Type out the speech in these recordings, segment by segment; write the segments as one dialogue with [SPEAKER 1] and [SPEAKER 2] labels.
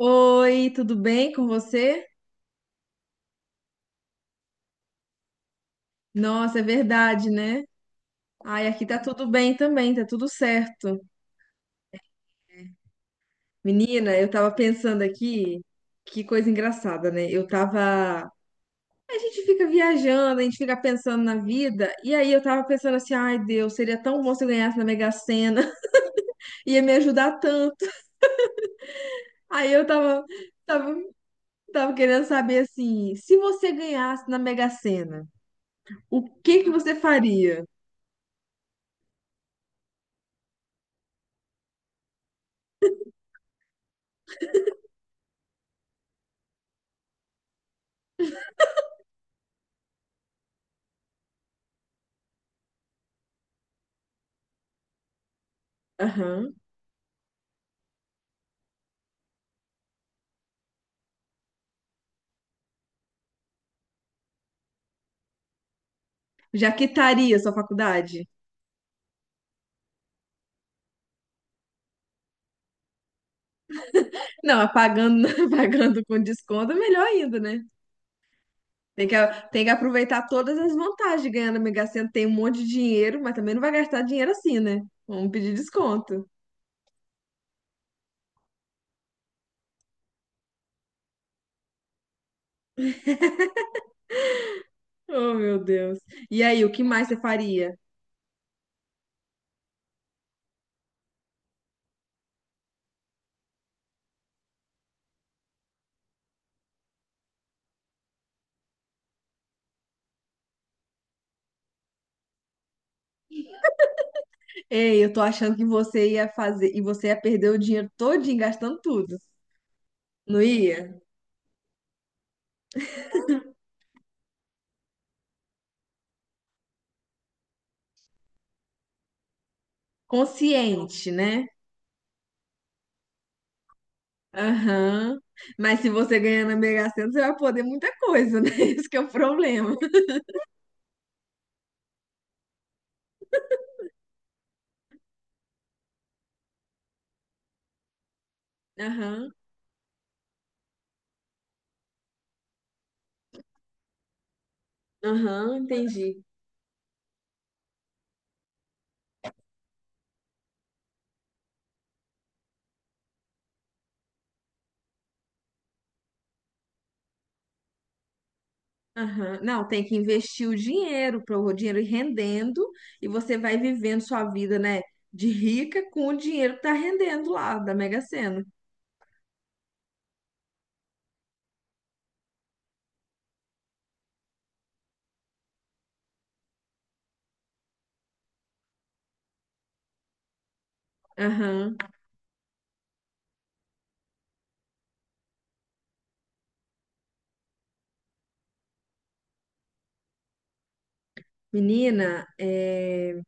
[SPEAKER 1] Oi, tudo bem com você? Nossa, é verdade, né? Ai, aqui tá tudo bem também, tá tudo certo. Menina, eu tava pensando aqui, que coisa engraçada, né? Eu tava. A gente fica viajando, a gente fica pensando na vida, e aí eu tava pensando assim, ai, Deus, seria tão bom se eu ganhasse na Mega Sena, ia me ajudar tanto. Aí eu tava, tava, tava querendo saber assim, se você ganhasse na Mega Sena, o que que você faria? Aham. Já quitaria sua faculdade? Não, pagando, pagando com desconto é melhor ainda, né? Tem que, tem que aproveitar todas as vantagens de ganhar na Mega Sena. Tem um monte de dinheiro, mas também não vai gastar dinheiro assim, né? Vamos pedir desconto. Oh, meu Deus. E aí, o que mais você faria? Ei, eu tô achando que você ia fazer e você ia perder o dinheiro todinho gastando tudo. Não ia? Consciente, né? Aham. Mas se você ganhar na Mega Sena, você vai poder muita coisa, né? Esse que é o problema. Aham, aham, entendi. Aham. Não, tem que investir o dinheiro para o dinheiro ir rendendo e você vai vivendo sua vida, né, de rica com o dinheiro que tá rendendo lá da Mega Sena. Aham. Menina, é,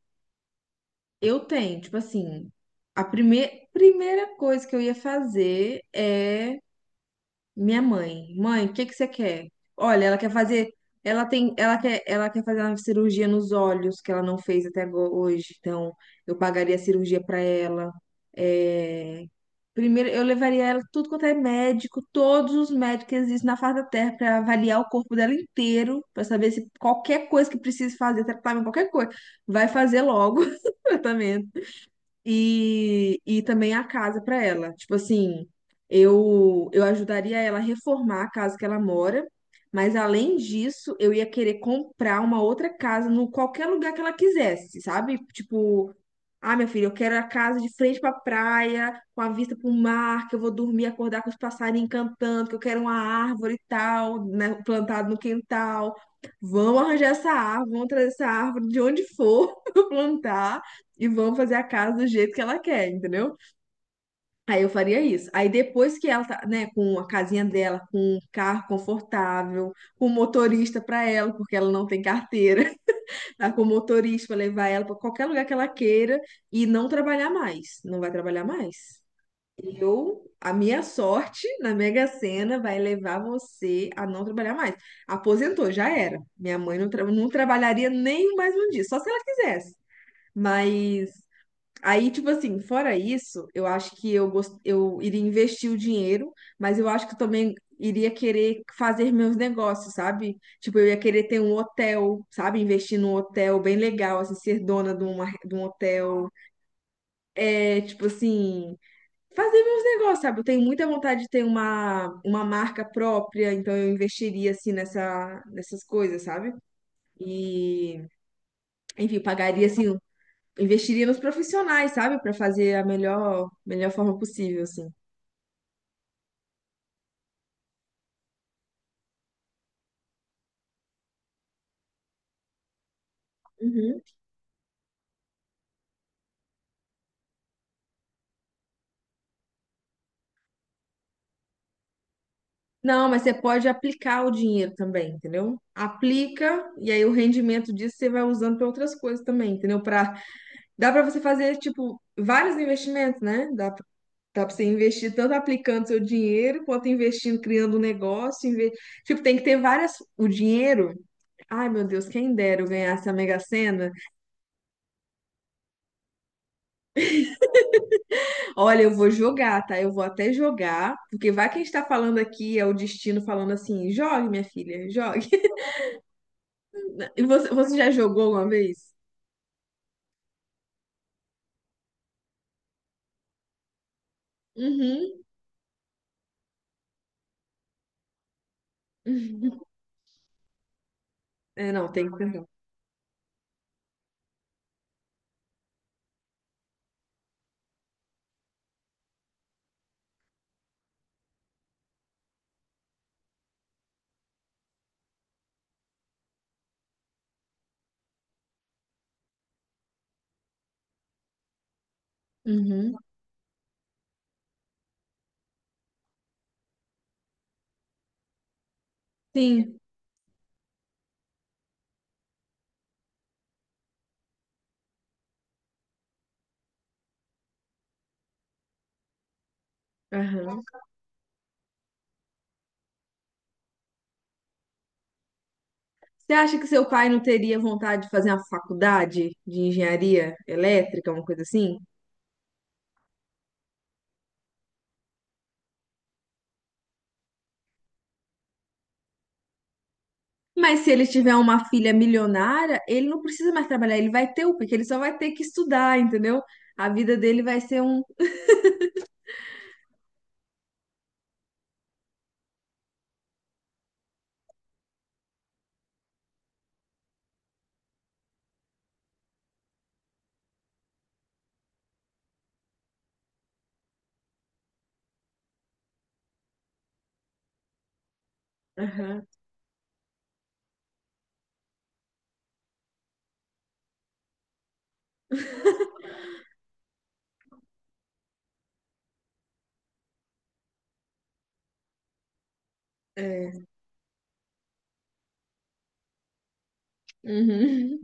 [SPEAKER 1] eu tenho, tipo assim, a primeira coisa que eu ia fazer é: minha mãe, mãe, o que que você quer? Olha, ela quer fazer, ela tem, ela quer fazer uma cirurgia nos olhos que ela não fez hoje, então eu pagaria a cirurgia para ela. É, primeiro eu levaria ela tudo quanto é médico, todos os médicos que existem na face da Terra para avaliar o corpo dela inteiro, para saber se qualquer coisa que precise fazer, tratamento, qualquer coisa, vai fazer logo o tratamento e também a casa para ela. Tipo assim, eu ajudaria ela a reformar a casa que ela mora, mas além disso, eu ia querer comprar uma outra casa no qualquer lugar que ela quisesse, sabe? Tipo, ah, minha filha, eu quero a casa de frente para praia, com a vista para o mar, que eu vou dormir, acordar com os passarinhos cantando, que eu quero uma árvore e tal, né, plantada no quintal. Vamos arranjar essa árvore, vamos trazer essa árvore de onde for para plantar e vamos fazer a casa do jeito que ela quer, entendeu? Aí eu faria isso. Aí depois que ela tá, né, com a casinha dela, com um carro confortável, com motorista pra ela, porque ela não tem carteira, tá com motorista pra levar ela pra qualquer lugar que ela queira e não trabalhar mais, não vai trabalhar mais. Eu, a minha sorte na Mega Sena vai levar você a não trabalhar mais. Aposentou, já era. Minha mãe não, não trabalharia nem mais um dia, só se ela quisesse. Mas aí, tipo assim, fora isso, eu acho que eu, eu iria investir o dinheiro, mas eu acho que eu também iria querer fazer meus negócios, sabe? Tipo, eu ia querer ter um hotel, sabe? Investir num hotel bem legal, assim, ser dona de, de um hotel. É, tipo assim, fazer meus negócios, sabe? Eu tenho muita vontade de ter uma marca própria, então eu investiria, assim, nessas coisas, sabe? E, enfim, pagaria, assim, investiria nos profissionais, sabe? Para fazer a melhor, melhor forma possível, assim. Uhum. Não, mas você pode aplicar o dinheiro também, entendeu? Aplica e aí o rendimento disso você vai usando para outras coisas também, entendeu? Para dá para você fazer tipo vários investimentos, né? Dá pra... Dá para você investir tanto aplicando seu dinheiro quanto investindo, criando um negócio. Tipo, tem que ter várias. O dinheiro. Ai, meu Deus, quem dera eu ganhasse a Mega Sena. Olha, eu vou jogar, tá? Eu vou até jogar, porque vai que a gente tá falando aqui, é o destino falando assim, jogue, minha filha, jogue. E você, você já jogou uma vez? Uhum. É, não, tem que perguntar. Uhum. Sim. Aham. Você acha que seu pai não teria vontade de fazer uma faculdade de engenharia elétrica, uma coisa assim? Mas se ele tiver uma filha milionária, ele não precisa mais trabalhar, ele vai ter o quê? Que ele só vai ter que estudar, entendeu? A vida dele vai ser um. Aham. É. Uhum.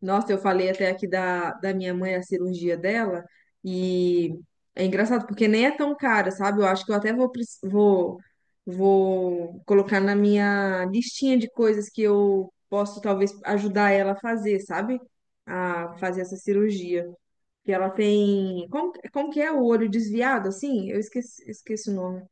[SPEAKER 1] Nossa, eu falei até aqui da minha mãe, a cirurgia dela, e é engraçado porque nem é tão cara, sabe? Eu acho que eu até vou, vou, vou colocar na minha listinha de coisas que eu posso talvez ajudar ela a fazer, sabe? A fazer essa cirurgia. Que ela tem. Como, como que é o olho desviado, assim? Eu esqueci, esqueci o nome.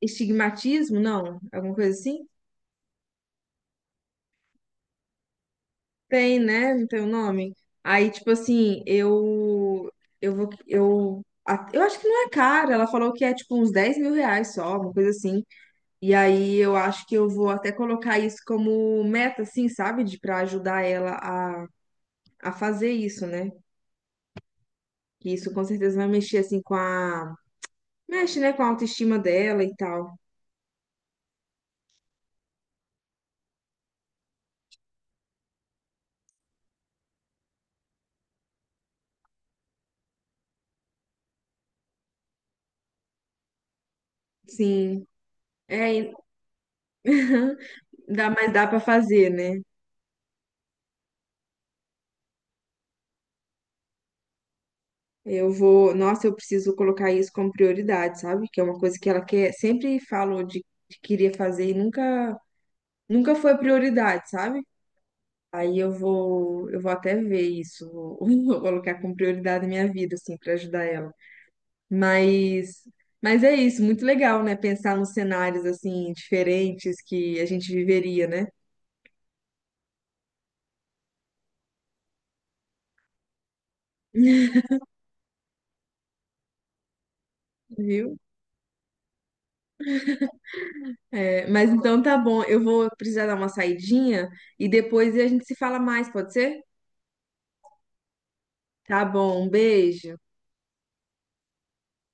[SPEAKER 1] Estigmatismo? Não? Alguma coisa assim? Tem, né? Não tem o nome. Aí, tipo assim, eu. Eu vou. Eu acho que não é caro. Ela falou que é tipo uns 10 mil reais só, uma coisa assim. E aí eu acho que eu vou até colocar isso como meta, assim, sabe? De, pra ajudar ela a fazer isso, né? Que isso com certeza vai mexer, assim, com a. Mexe, né? Com a autoestima dela e tal. Sim. É, e- dá, mas dá pra fazer, né? Eu vou, nossa, eu preciso colocar isso como prioridade, sabe? Que é uma coisa que ela quer, sempre falou de que queria fazer e nunca foi prioridade, sabe? Aí eu vou até ver isso, vou, vou colocar como prioridade na minha vida, assim, pra ajudar ela. Mas, mas é isso, muito legal, né? Pensar nos cenários assim diferentes que a gente viveria, né? Viu? É, mas então tá bom, eu vou precisar dar uma saidinha e depois a gente se fala mais, pode ser? Tá bom, um beijo.